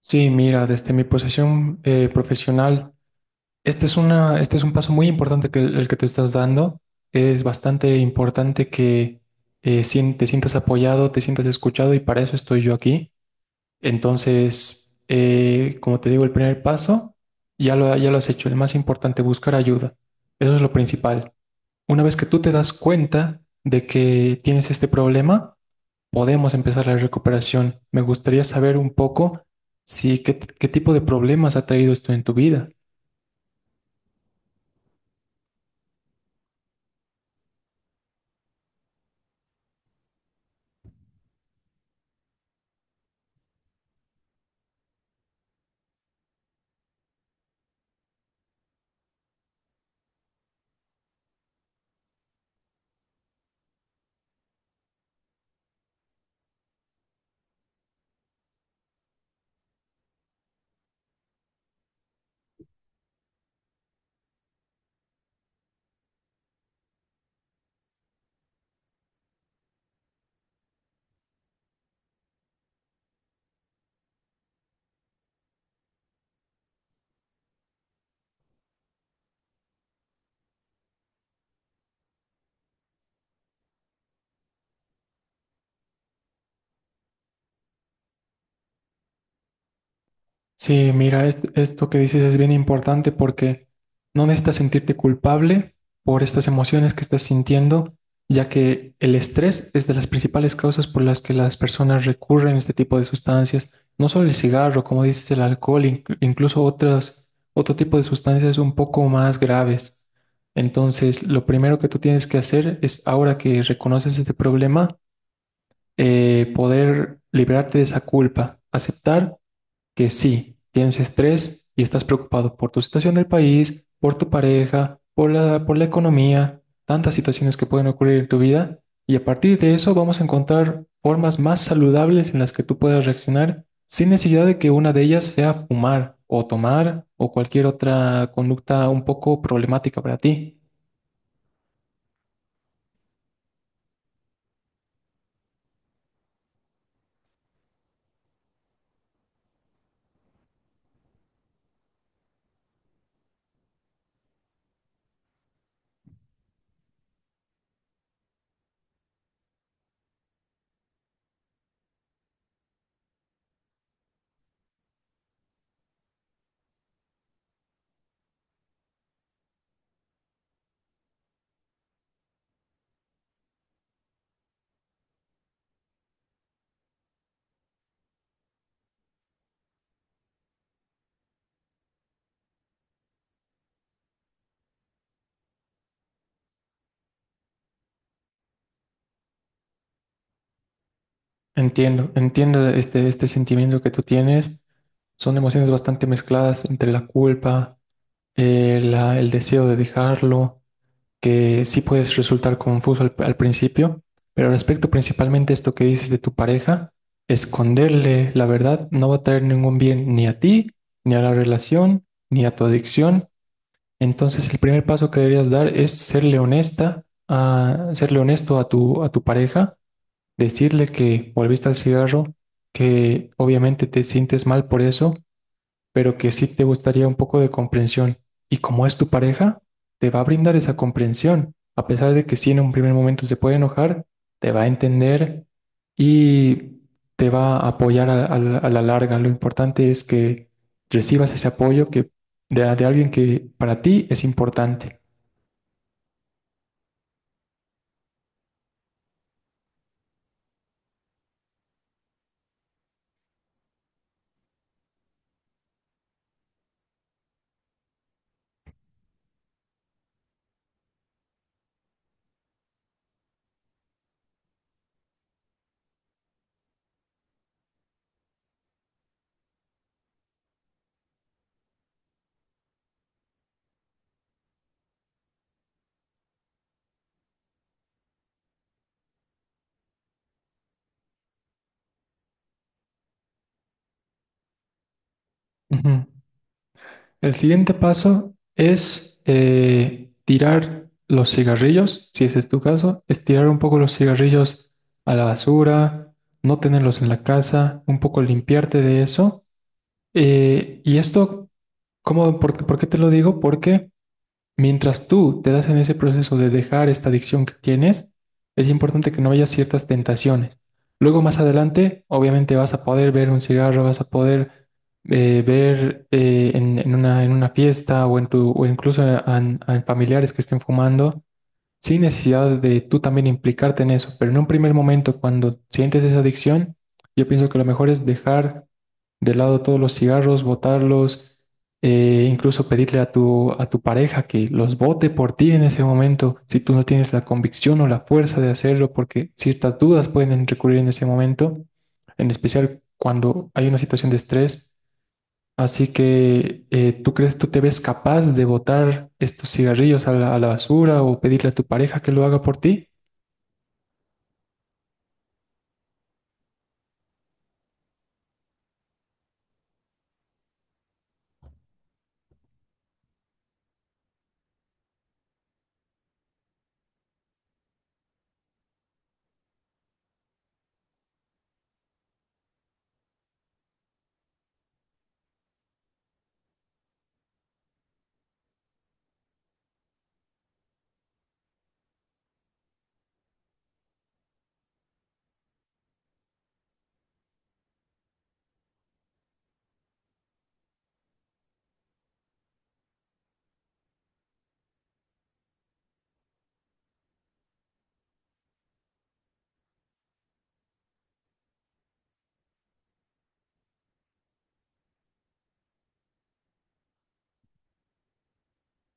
Sí, mira, desde mi posición profesional, este es un paso muy importante que te estás dando. Es bastante importante que te sientas apoyado, te sientas escuchado y para eso estoy yo aquí. Entonces, como te digo, el primer paso ya lo has hecho. El más importante, buscar ayuda. Eso es lo principal. Una vez que tú te das cuenta de que tienes este problema, podemos empezar la recuperación. Me gustaría saber un poco si qué tipo de problemas ha traído esto en tu vida. Sí, mira, esto que dices es bien importante porque no necesitas sentirte culpable por estas emociones que estás sintiendo, ya que el estrés es de las principales causas por las que las personas recurren a este tipo de sustancias. No solo el cigarro, como dices, el alcohol, incluso otro tipo de sustancias un poco más graves. Entonces, lo primero que tú tienes que hacer es, ahora que reconoces este problema, poder liberarte de esa culpa, aceptar que sí, tienes estrés y estás preocupado por tu situación del país, por tu pareja, por la economía, tantas situaciones que pueden ocurrir en tu vida. Y a partir de eso vamos a encontrar formas más saludables en las que tú puedas reaccionar sin necesidad de que una de ellas sea fumar o tomar o cualquier otra conducta un poco problemática para ti. Entiendo, entiendo este sentimiento que tú tienes. Son emociones bastante mezcladas entre la culpa, el deseo de dejarlo, que sí puedes resultar confuso al principio, pero respecto principalmente a esto que dices de tu pareja, esconderle la verdad no va a traer ningún bien ni a ti, ni a la relación, ni a tu adicción. Entonces el primer paso que deberías dar es serle honesto a a tu pareja. Decirle que volviste al cigarro, que obviamente te sientes mal por eso, pero que sí te gustaría un poco de comprensión. Y como es tu pareja, te va a brindar esa comprensión. A pesar de que sí en un primer momento se puede enojar, te va a entender y te va a apoyar a la larga. Lo importante es que recibas ese apoyo de alguien que para ti es importante. Ujú. El siguiente paso es tirar los cigarrillos, si ese es tu caso, es tirar un poco los cigarrillos a la basura, no tenerlos en la casa, un poco limpiarte de eso. Y esto, ¿cómo, por qué te lo digo? Porque mientras tú te das en ese proceso de dejar esta adicción que tienes, es importante que no haya ciertas tentaciones. Luego más adelante, obviamente vas a poder ver un cigarro, vas a poder ver en una fiesta o incluso en familiares que estén fumando sin necesidad de tú también implicarte en eso, pero en un primer momento cuando sientes esa adicción, yo pienso que lo mejor es dejar de lado todos los cigarros, botarlos, incluso pedirle a a tu pareja que los bote por ti en ese momento, si tú no tienes la convicción o la fuerza de hacerlo, porque ciertas dudas pueden recurrir en ese momento, en especial cuando hay una situación de estrés. Así que, ¿tú tú te ves capaz de botar estos cigarrillos a a la basura o pedirle a tu pareja que lo haga por ti?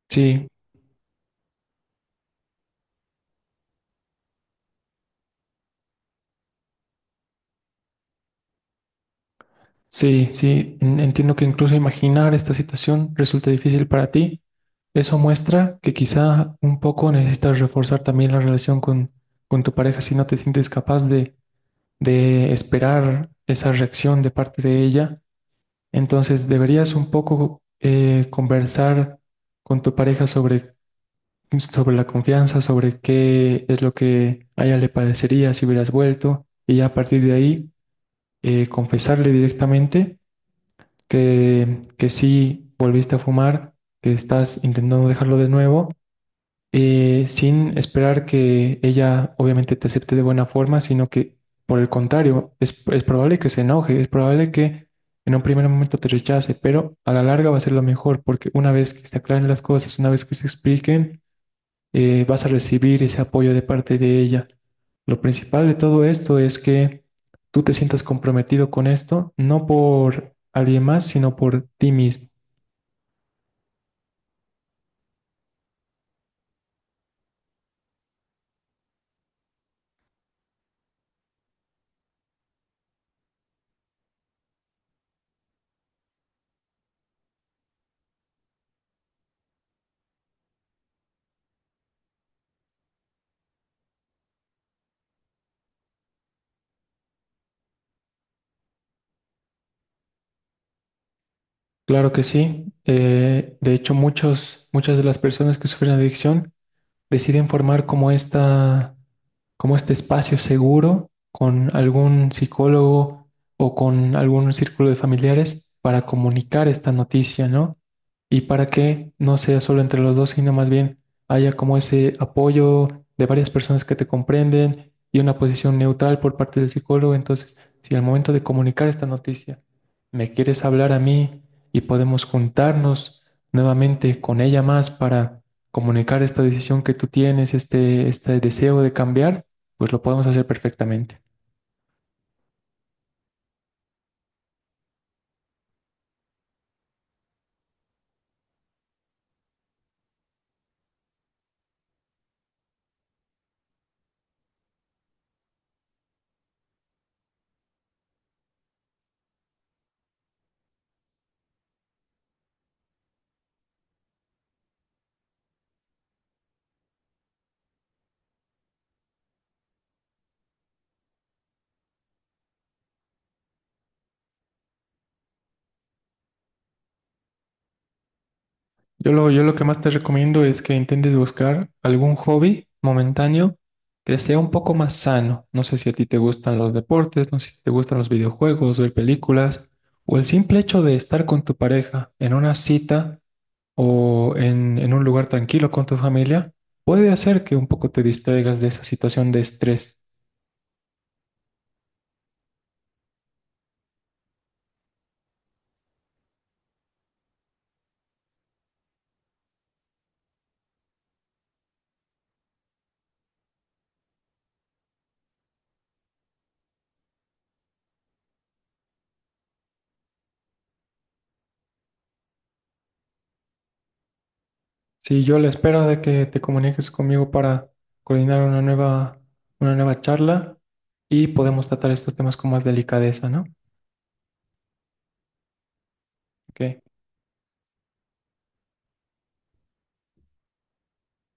Sí, sí, sí. Entiendo que incluso imaginar esta situación resulta difícil para ti. Eso muestra que quizá un poco necesitas reforzar también la relación con tu pareja si no te sientes capaz de esperar esa reacción de parte de ella. Entonces deberías un poco conversar con tu pareja sobre sobre la confianza, sobre qué es lo que a ella le parecería si hubieras vuelto, y ya a partir de ahí confesarle directamente que sí volviste a fumar, que estás intentando dejarlo de nuevo, sin esperar que ella obviamente te acepte de buena forma, sino que por el contrario, es probable que se enoje, es probable que en un primer momento te rechace, pero a la larga va a ser lo mejor, porque una vez que se aclaren las cosas, una vez que se expliquen, vas a recibir ese apoyo de parte de ella. Lo principal de todo esto es que tú te sientas comprometido con esto, no por alguien más, sino por ti mismo. Claro que sí. De hecho, muchas de las personas que sufren adicción deciden formar como como este espacio seguro con algún psicólogo o con algún círculo de familiares para comunicar esta noticia, ¿no? Y para que no sea solo entre los dos, sino más bien haya como ese apoyo de varias personas que te comprenden y una posición neutral por parte del psicólogo. Entonces, si al momento de comunicar esta noticia me quieres hablar a mí y podemos juntarnos nuevamente con ella más para comunicar esta decisión que tú tienes, este deseo de cambiar, pues lo podemos hacer perfectamente. Yo lo que más te recomiendo es que intentes buscar algún hobby momentáneo que sea un poco más sano. No sé si a ti te gustan los deportes, no sé si te gustan los videojuegos, ver películas, o el simple hecho de estar con tu pareja en una cita o en un lugar tranquilo con tu familia, puede hacer que un poco te distraigas de esa situación de estrés. Sí, yo a la espera de que te comuniques conmigo para coordinar una nueva charla y podemos tratar estos temas con más delicadeza, ¿no? Ok.